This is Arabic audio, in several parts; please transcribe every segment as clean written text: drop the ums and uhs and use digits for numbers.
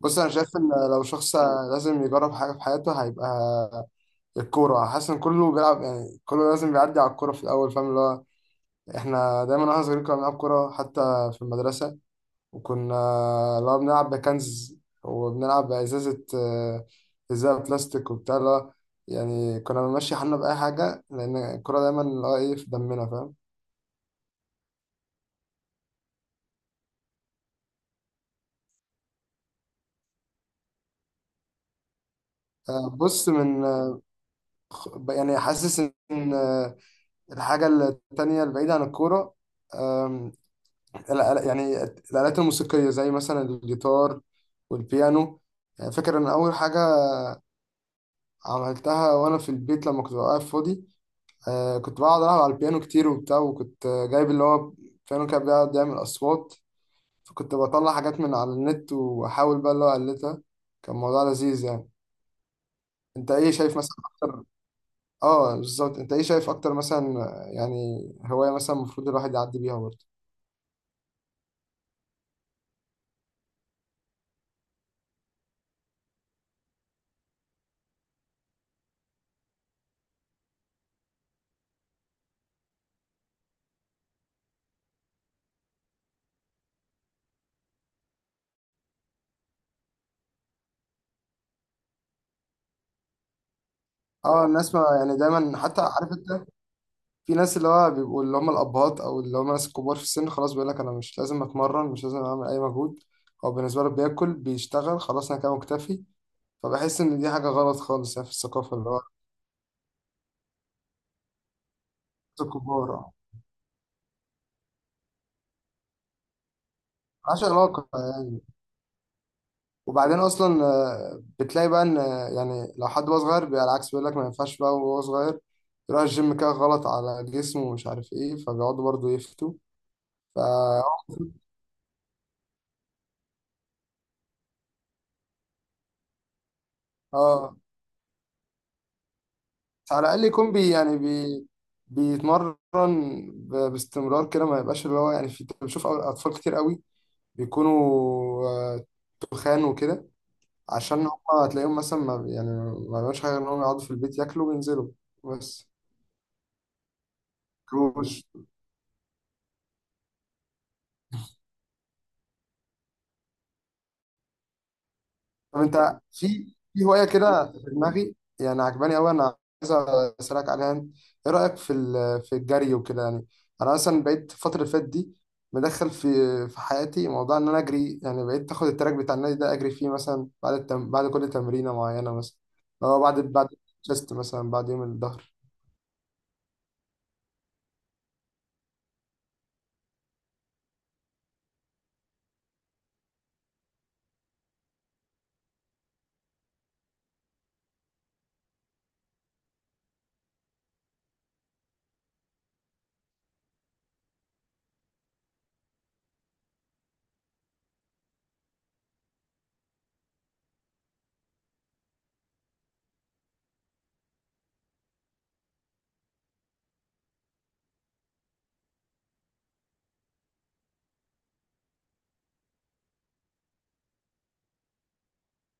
بص انا شايف ان لو شخص لازم يجرب حاجه في حياته هيبقى الكوره، حاسس ان كله بيلعب، يعني كله لازم بيعدي على الكوره في الاول، فاهم؟ اللي هو احنا دايما واحنا صغيرين كنا بنلعب كوره حتى في المدرسه، وكنا اللي هو بنلعب بكنز وبنلعب بازازه. ازازه بلاستيك وبتاع اللي هو يعني كنا بنمشي حالنا باي حاجه، لان الكوره دايما اللي هو ايه في دمنا، فاهم؟ بص من يعني حاسس ان الحاجه التانيه البعيده عن الكوره يعني الآلات الموسيقية، زي مثلا الجيتار والبيانو. يعني فاكر إن أول حاجة عملتها وأنا في البيت لما كنت ببقى قاعد فاضي، كنت بقعد ألعب على البيانو كتير وبتاع، وكنت جايب اللي هو بيانو كان بيقعد يعمل أصوات، فكنت بطلع حاجات من على النت وأحاول بقى اللي هو أقلدها. كان موضوع لذيذ يعني. أنت إيه شايف مثلا أكتر؟ آه، بالظبط. أنت إيه شايف أكتر مثلا؟ يعني هواية مثلا المفروض الواحد يعدي بيها برضه. آه، الناس ما يعني دايما، حتى عارف أنت، في ناس اللي هو بيبقوا اللي هم الأبهات أو اللي هم ناس كبار في السن، خلاص بيقول لك أنا مش لازم أتمرن، مش لازم أعمل أي مجهود. هو بالنسبة له بياكل بيشتغل، خلاص أنا كده مكتفي. فبحس إن دي حاجة غلط خالص، يعني في الثقافة اللي هو الكبار. آه. ملهاش علاقة يعني. وبعدين أصلا بتلاقي بقى إن يعني لو حد هو صغير بيبقى العكس، بيقول لك ما ينفعش بقى وهو صغير يروح الجيم، كده غلط على جسمه ومش عارف إيه، فبيقعدوا برضه يفتوا. ف آه، على الأقل يكون بي بيتمرن باستمرار كده، ما يبقاش اللي هو يعني. في بشوف أطفال كتير قوي بيكونوا آه، تخان وكده، عشان هم هتلاقيهم مثلا ما بي- يعني ما بيعملوش حاجة غير إنهم يقعدوا في البيت ياكلوا وينزلوا بس. كروش. طب انت في في هوايه كده في دماغي، يعني عجباني قوي انا، عايز اسالك عليها انت. ايه رايك في في الجري وكده يعني؟ انا مثلا بقيت الفتره اللي فاتت دي مدخل في في حياتي موضوع ان انا اجري، يعني بقيت اخد التراك بتاع النادي ده اجري فيه، مثلا بعد التم... بعد كل تمرينه معينه، مثلا لو بعد الشيست، مثلا بعد يوم الظهر.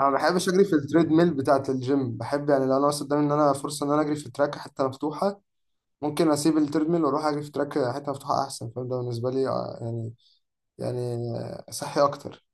انا ما بحبش اجري في التريد ميل بتاعه الجيم، بحب يعني لو انا مثلا قدامي ان انا فرصه ان انا اجري في تراك حته مفتوحه، ممكن اسيب التريد ميل واروح اجري في تراك حته مفتوحه احسن. فده بالنسبه لي يعني يعني صحي اكتر.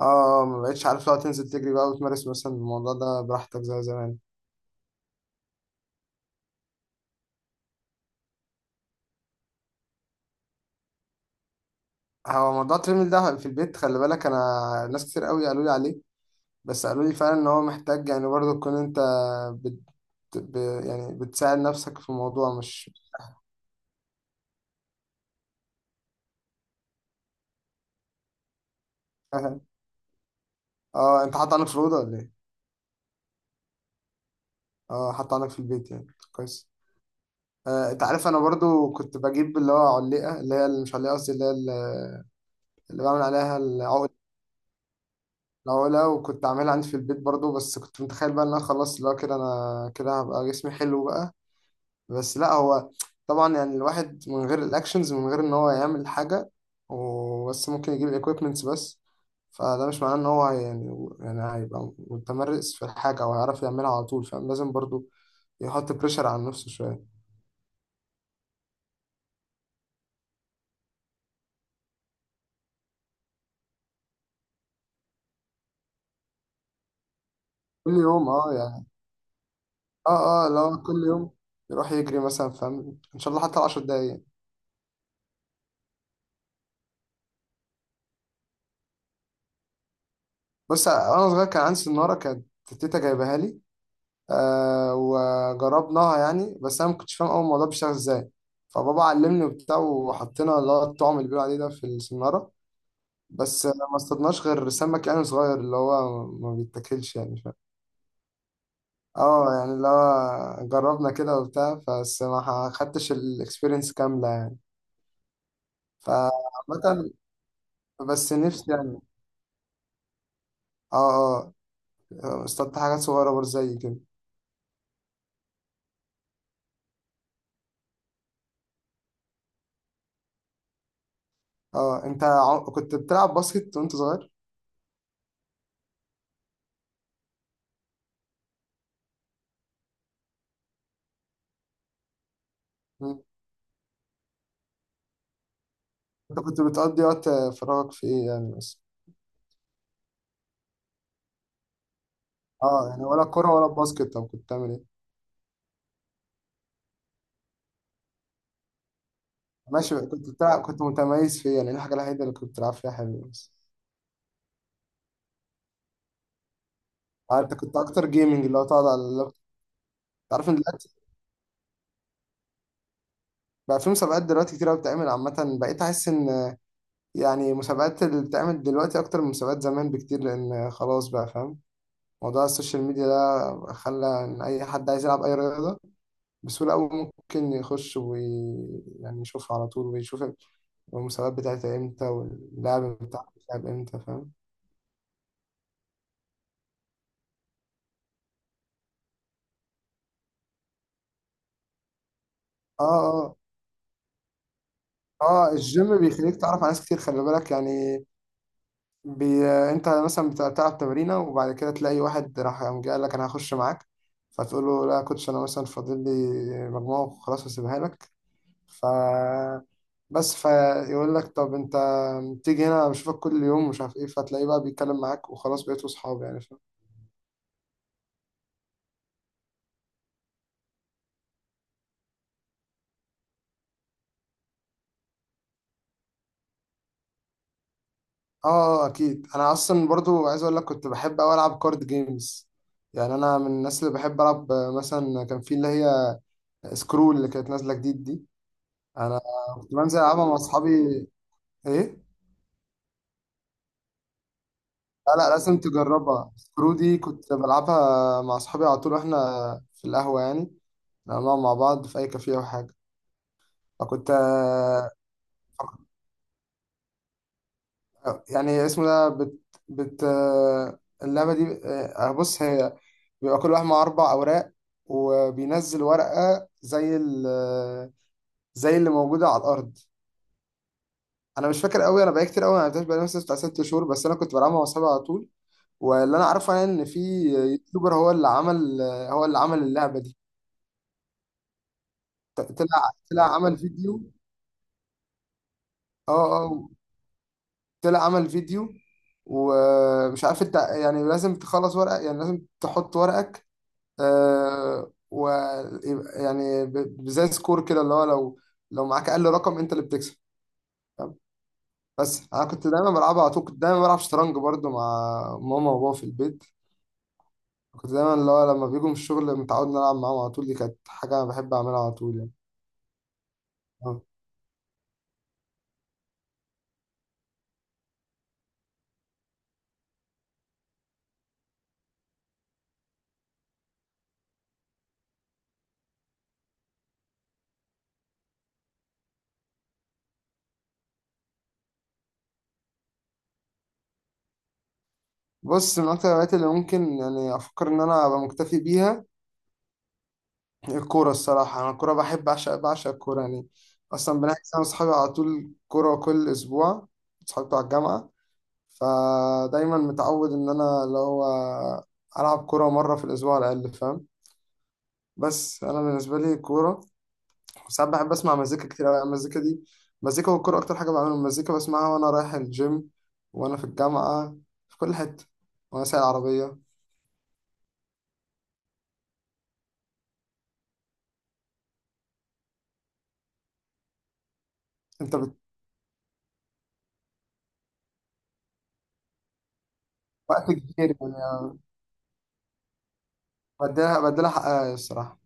اه ما بقتش عارف لو تنزل تجري بقى وتمارس مثلا الموضوع ده براحتك زي زمان. هو موضوع التريدميل ده في البيت، خلي بالك انا ناس كتير قوي قالوا لي عليه، بس قالوا لي فعلا ان هو محتاج يعني برضه تكون انت بت... ب... يعني بتساعد نفسك في الموضوع مش اه. انت حاطط عنك في الاوضه ولا ايه؟ اه، حاطط عنك في البيت يعني؟ كويس. آه، انت عارف انا برضو كنت بجيب اللي هو علقه، اللي هي اللي مش علقه، قصدي اللي هي اللي اللي بعمل عليها العقد. لو لو كنت عاملها عندي في البيت برضو، بس كنت متخيل بقى ان انا خلاص لا كده، انا كده هبقى جسمي حلو بقى. بس لا، هو طبعا يعني الواحد من غير الاكشنز، من غير ان هو يعمل حاجة وبس ممكن يجيب الايكويبمنتس بس، فده مش معناه ان هو يعني يعني هيبقى متمرس في الحاجة او هيعرف يعملها على طول، فاهم؟ لازم برضو يحط بريشر على نفسه شوية. كل يوم اه يعني، اه اه لو كل يوم يروح يجري مثلا، فاهم؟ ان شاء الله حتى 10 دقايق. بص وانا صغير كان عندي سنارة، كانت تيتا جايبها لي، آه وجربناها يعني، بس انا ما كنتش فاهم اول الموضوع بيشتغل ازاي، فبابا علمني وبتاع، وحطينا اللي هو الطعم اللي بيقولوا عليه ده في السنارة. بس ما اصطدناش غير سمك يعني صغير اللي هو ما بيتاكلش، يعني فاهم؟ اه يعني اللي هو جربنا كده وبتاع، بس ما خدتش الاكسبيرينس كاملة يعني. فعامة بس نفسي يعني، اه اه اصطدت حاجات صغيرة برضه زي كده. اه انت كنت بتلعب باسكت وانت صغير؟ مم. انت كنت بتقضي وقت فراغك في ايه يعني بس؟ اه يعني ولا كرة ولا باسكت، طب كنت بتعمل ايه؟ ماشي، كنت بتلعب، كنت متميز فيها يعني، الحاجة الوحيدة اللي كنت بتلعب فيها حلو بس. آه، انت كنت اكتر جيمنج اللي هو تقعد على اللابتوب. تعرف ان دلوقتي بقى في مسابقات دلوقتي كتير قوي بتتعمل عامة، بقيت احس ان يعني مسابقات اللي بتتعمل دلوقتي اكتر من مسابقات زمان بكتير، لان خلاص بقى فاهم موضوع السوشيال ميديا ده، خلى ان اي حد عايز يلعب اي رياضة بسهولة قوي ممكن يخش وي يعني يشوفها على طول، ويشوف المسابقات بتاعتها امتى واللعب بتاعها بتلعب امتى، فاهم؟ اه اه. اه الجيم بيخليك تعرف على ناس كتير، خلي بالك يعني. بي... انت مثلا بتلعب تمرينه وبعد كده تلاقي واحد راح قام جاي قال لك انا هخش معاك، فتقول له لا يا كوتش انا مثلا فاضل لي مجموعه وخلاص هسيبها لك. ف بس فيقول لك طب انت تيجي هنا بشوفك كل يوم مش عارف ايه، فتلاقيه بقى بيتكلم معاك وخلاص بقيتوا اصحاب يعني، فاهم؟ اه. آه، اكيد. انا اصلا برضو عايز اقول لك كنت بحب اوي العب كارد جيمز، يعني انا من الناس اللي بحب العب. آه، مثلا كان في اللي هي سكرول اللي كانت نازله جديد دي، انا كنت بنزل العبها مع اصحابي. ايه، لا لا لازم تجربها، سكرو دي كنت بلعبها مع اصحابي على طول، واحنا في القهوه يعني لما بنقعد مع بعض في اي كافيه او حاجه، فكنت آه، يعني اسمه ده بت. اللعبه دي آه، بص هي بيبقى كل واحد مع اربع اوراق، وبينزل ورقه زي اللي موجوده على الارض. انا مش فاكر قوي، انا بقالي كتير قوي ما لعبتهاش، بقالي مثلا بتاع ست شهور، بس انا كنت بلعبها مع اصحابي على طول. واللي انا عارفه يعني ان في يوتيوبر هو اللي عمل اللعبه دي. طلع عمل فيديو. اه اه، طلع عمل فيديو. ومش عارف انت يعني لازم تخلص ورقه، يعني لازم تحط ورقك. آه و يعني زي سكور كده، اللي هو لو لو معاك اقل رقم انت اللي بتكسب، فاهم؟ بس انا كنت دايما بلعبها على طول، كنت دايما بلعب شطرنج برضو مع ماما وبابا في البيت. كنت دايما اللي هو لما بيجوا من الشغل متعود نلعب معاهم على طول، دي كانت حاجه بحب اعملها على طول يعني. آه. بص من أكتر الهوايات اللي ممكن يعني أفكر إن أنا أبقى مكتفي بيها الكورة الصراحة. أنا الكورة بحب أعشق، بعشق الكورة يعني. أصلا بنحجز أنا وأصحابي على طول كورة كل أسبوع، أصحابي بتوع الجامعة. فدايما متعود إن أنا اللي هو ألعب كورة مرة في الأسبوع على الأقل، فاهم؟ بس أنا بالنسبة لي الكورة ساعات بحب أسمع مزيكا كتير أوي يعني، المزيكا دي مزيكا والكورة أكتر حاجة بعملها. المزيكا بسمعها وأنا رايح الجيم، وأنا في الجامعة، في كل حتة، وأنا سايق العربية. أنت بت... وقت كبير يعني، بدلها حقها الصراحة.